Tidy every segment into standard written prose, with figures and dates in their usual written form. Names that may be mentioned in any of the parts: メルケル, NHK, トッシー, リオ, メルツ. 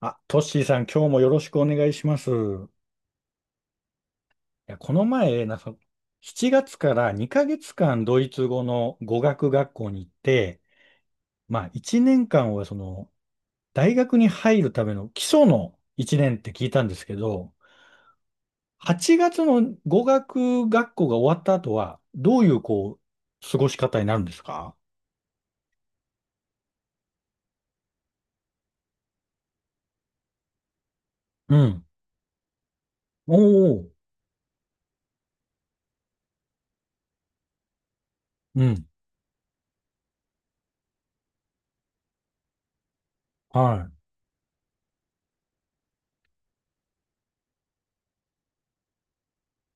あ、トッシーさん、今日もよろしくお願いします。いや、この前、なんか、7月から2ヶ月間ドイツ語の語学学校に行って、まあ、1年間はその、大学に入るための基礎の1年って聞いたんですけど、8月の語学学校が終わった後は、どういう、こう、過ごし方になるんですか？うん。おお、うん。は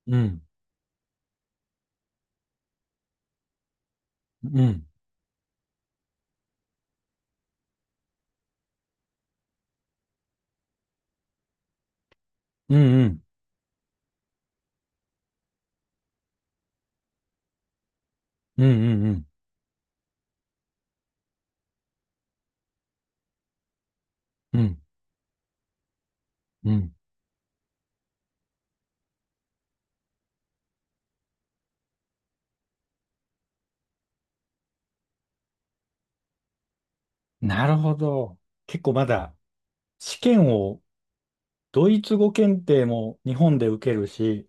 い。うん。うん。うんうん。うんうんうん。うんうん。なるほど。結構まだ試験をドイツ語検定も日本で受けるし、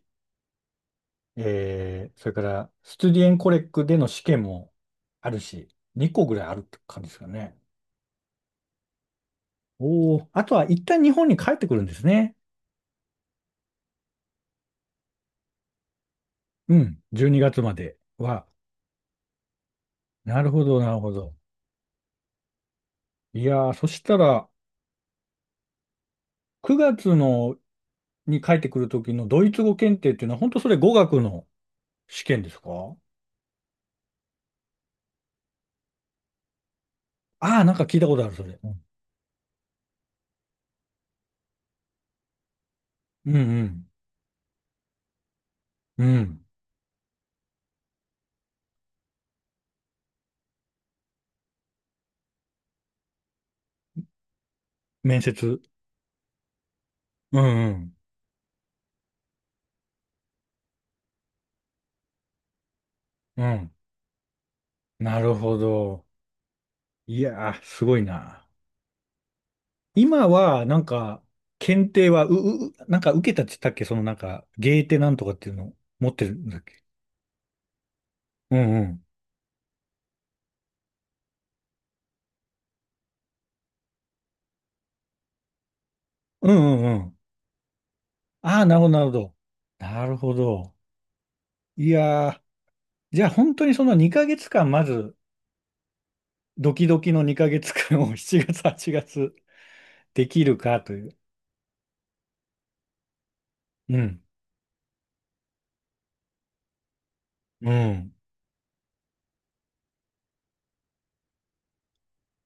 それからスチュディエンコレックでの試験もあるし、2個ぐらいあるって感じですかね？おお、あとは一旦日本に帰ってくるんですね。うん、12月までは。なるほど、なるほど。いやー、そしたら9月のに帰ってくる時のドイツ語検定っていうのは本当それ語学の試験ですか？ああー、なんか聞いたことある、それ。うんうん。うん。面接。うんうん。うん。なるほど。いやー、すごいな。今は、なんか、検定は、う、う、うなんか受けたって言ったっけ？そのなんか、ゲーテなんとかっていうの持ってるんだっけ？うんうん。うんうんうん。ああ、なるほど、なるほど。なるほど。いやー、じゃあ本当にその2ヶ月間、まず、ドキドキの2ヶ月間を 7月、8月できるかという。うん。うん。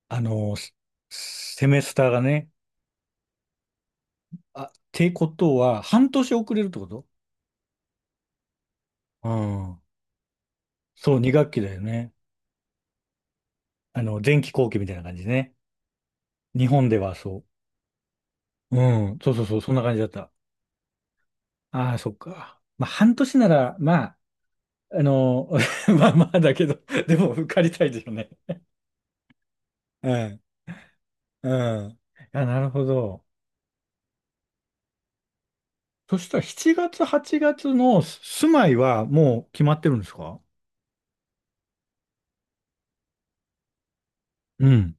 セセメスターがね、あ、ってことは、半年遅れるってこと？うん。そう、2学期だよね。前期後期みたいな感じね。日本ではそう。うん、そうそうそう、そんな感じだった。ああ、そっか。まあ、半年なら、まあ、あの、まあまあだけど、でも受かりたいですよね。うん、うん。あ、なるほど。そしたら7月、8月の住まいはもう決まってるんですか？うん。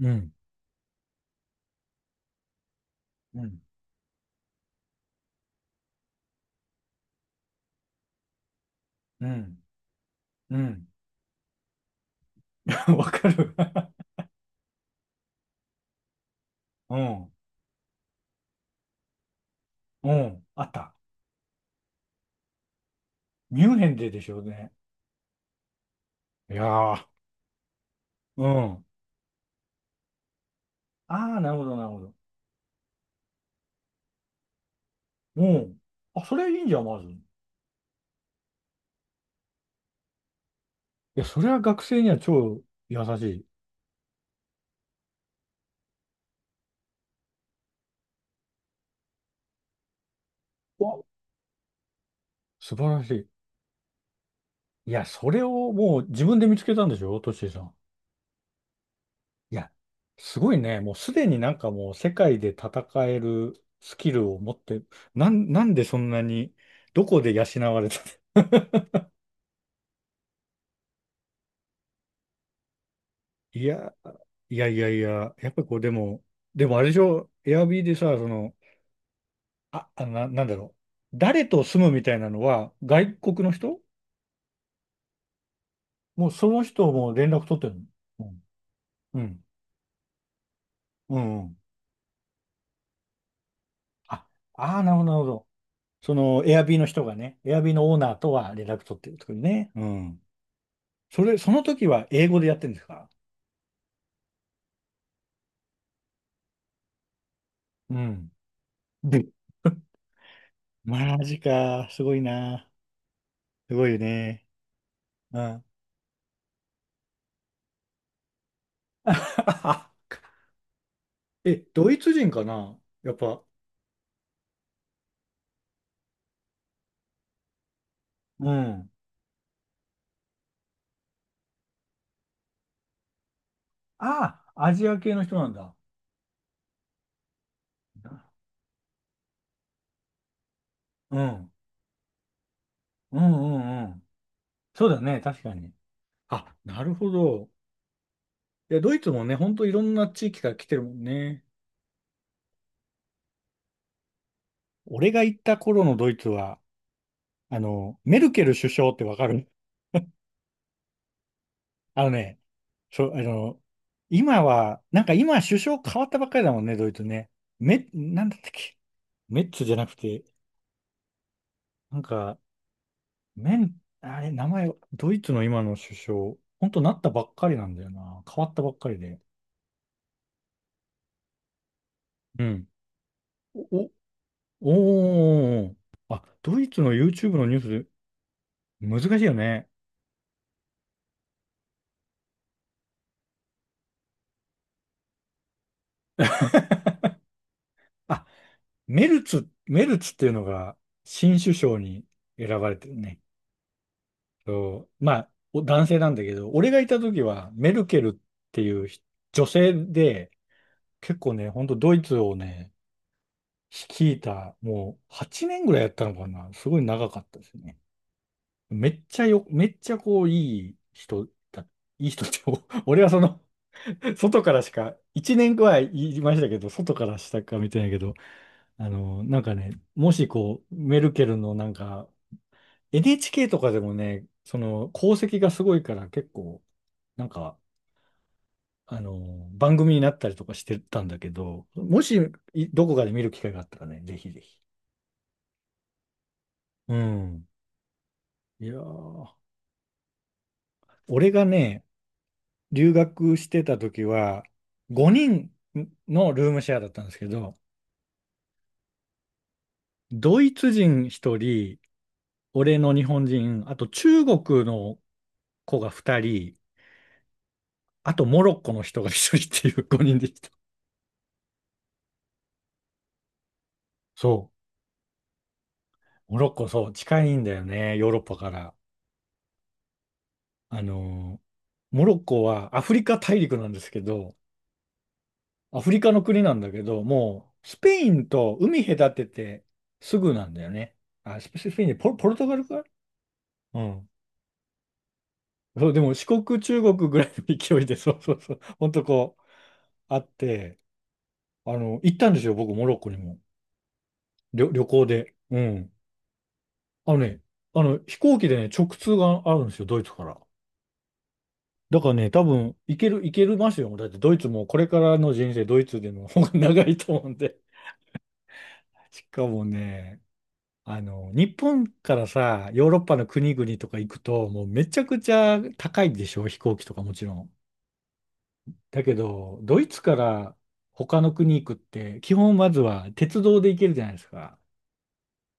うん、うん、うん、うん。わかる。うん、うん、あった。ミュンヘンででしょうね。いやー、うん。ああ、なるほど、なるほど。うん。あ、それいいんじゃん、まず。いや、それは学生には超優しい。わ、素晴らしい。いや、それをもう自分で見つけたんでしょ、トッシーさん。いや、すごいね。もうすでになんかもう世界で戦えるスキルを持って、なんでそんなに、どこで養われたの？ いや、いやいやいや、やっぱこう、でも、あれでしょ、エアビーでさ、その、あ、なんだろう？誰と住むみたいなのは、外国の人もうその人も連絡取ってるの？うん。うん。うん、ああーなるほど、なるほど。その、エアビーの人がね、エアビーのオーナーとは連絡取ってるところね。うん。それ、その時は英語でやってるんですか？うん。で、マジか。すごいな。すごいよね。うん。え、ドイツ人かな？やっぱ。うん。ああ、アジア系の人なんだ。うん。うんうんうん。そうだね、確かに。あ、なるほど。いや、ドイツもね、ほんといろんな地域から来てるもんね。俺が行った頃のドイツは、メルケル首相ってわかる？ あのね、そう、今は、なんか今首相変わったばっかりだもんね、ドイツね。なんだったっけ？メッツじゃなくて、なんか、あれ、名前、ドイツの今の首相、ほんとなったばっかりなんだよな。変わったばっかりで。うん。お、おー。あ、ドイツの YouTube のニュース、難しいよね。あ、メルツ、メルツっていうのが新首相に選ばれてるね。そう、まあ、お男性なんだけど、俺がいた時はメルケルっていうひ女性で、結構ね、ほんとドイツをね、率いた、もう8年ぐらいやったのかな。すごい長かったですね。めっちゃこう、だ、いい人って、お俺はその、外からしか、1年くらい言いましたけど、外からしたか見てないけど、なんかね、もしこう、メルケルのなんか、NHK とかでもね、その功績がすごいから結構、なんか、番組になったりとかしてたんだけど、もし、いどこかで見る機会があったらね、ぜひぜひ。うん。いやー、俺がね、留学してた時は、5人のルームシェアだったんですけど、ドイツ人1人、俺の日本人、あと中国の子が2人、あとモロッコの人が1人っていう5 人でした。そうモロッコ、そう、近いんだよね、ヨーロッパから。あのーモロッコはアフリカ大陸なんですけど、アフリカの国なんだけど、もう、スペインと海隔ててすぐなんだよね。あ、スペスペインでポル、トガルか？うん。そう、でも四国、中国ぐらいの勢いで、そうそうそう、ほんとこう、あって、行ったんですよ、僕、モロッコにも。旅行で。うん。あのね、飛行機でね、直通があるんですよ、ドイツから。だからね、多分、行けるますよ。だって、ドイツもこれからの人生、ドイツでの方が 長いと思うんで。しかもね、日本からさ、ヨーロッパの国々とか行くと、もうめちゃくちゃ高いでしょ、飛行機とかもちろん。だけど、ドイツから他の国行くって、基本まずは鉄道で行けるじゃないですか。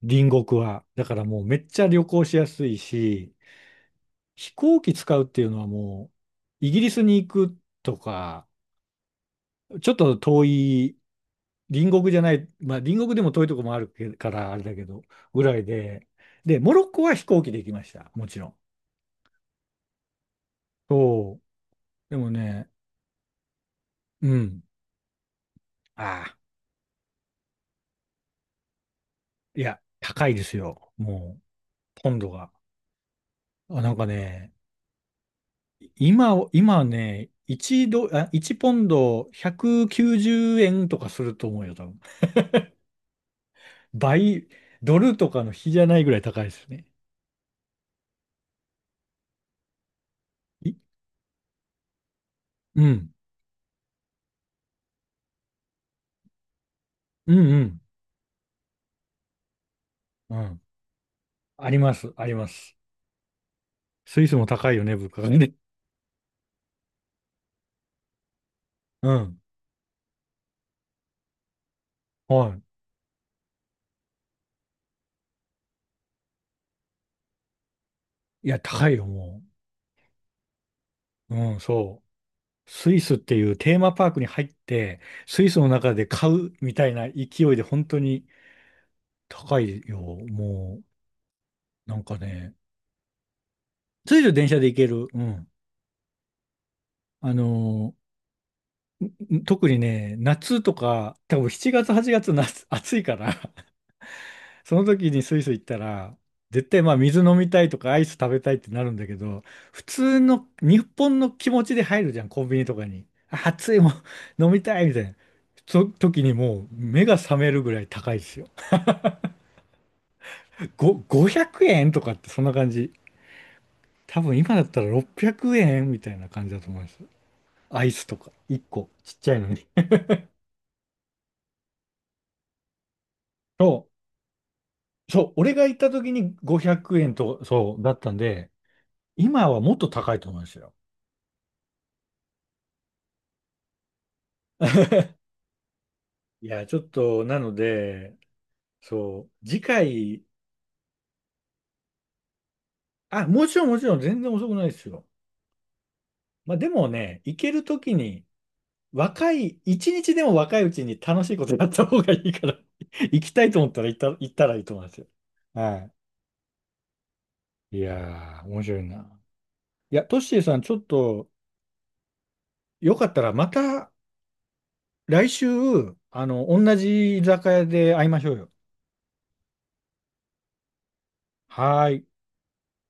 隣国は。だからもうめっちゃ旅行しやすいし、飛行機使うっていうのはもう、イギリスに行くとか、ちょっと遠い、隣国じゃない、まあ隣国でも遠いとこもあるけからあれだけど、ぐらいで、で、モロッコは飛行機で行きました。もちろん。そう。でもね、うん。ああ、いや、高いですよ。もう、ポンドが。あ、なんかね、今ね、1ド、あ、1ポンド190円とかすると思うよ、多分。倍、ドルとかの比じゃないぐらい高いですね。いうん。うんうん。うん。あります。あります。スイスも高いよね、物価がね。うん。はい。いや、高いよ、もう。うん、そう。スイスっていうテーマパークに入って、スイスの中で買うみたいな勢いで本当に高いよ、もう。なんかね。スイス電車で行ける。うん。あの特にね、夏とか、多分7月、8月、夏、暑いからその時にスイス行ったら、絶対まあ水飲みたいとかアイス食べたいってなるんだけど、普通の日本の気持ちで入るじゃん、コンビニとかに。あ熱いもん 飲みたいみたいな。そ時にもう目が覚めるぐらい高いですよ。500円とかってそんな感じ。多分今だったら600円みたいな感じだと思います。アイスとか。1個。ちっちゃいのに。そう、そう、俺が行った時に500円と、そう、だったんで、今はもっと高いと思いますよ。いや、ちょっと、なので、そう、次回、あ、もちろんもちろん全然遅くないですよ。まあでもね、行けるときに、若い、1日でも若いうちに楽しいことやった方がいいから 行きたいと思ったら行ったらいいと思いますよ。はい。いやー、面白いな。いや、トッシーさん、ちょっと、よかったらまた来週、同じ居酒屋で会いましょうよ。はーい。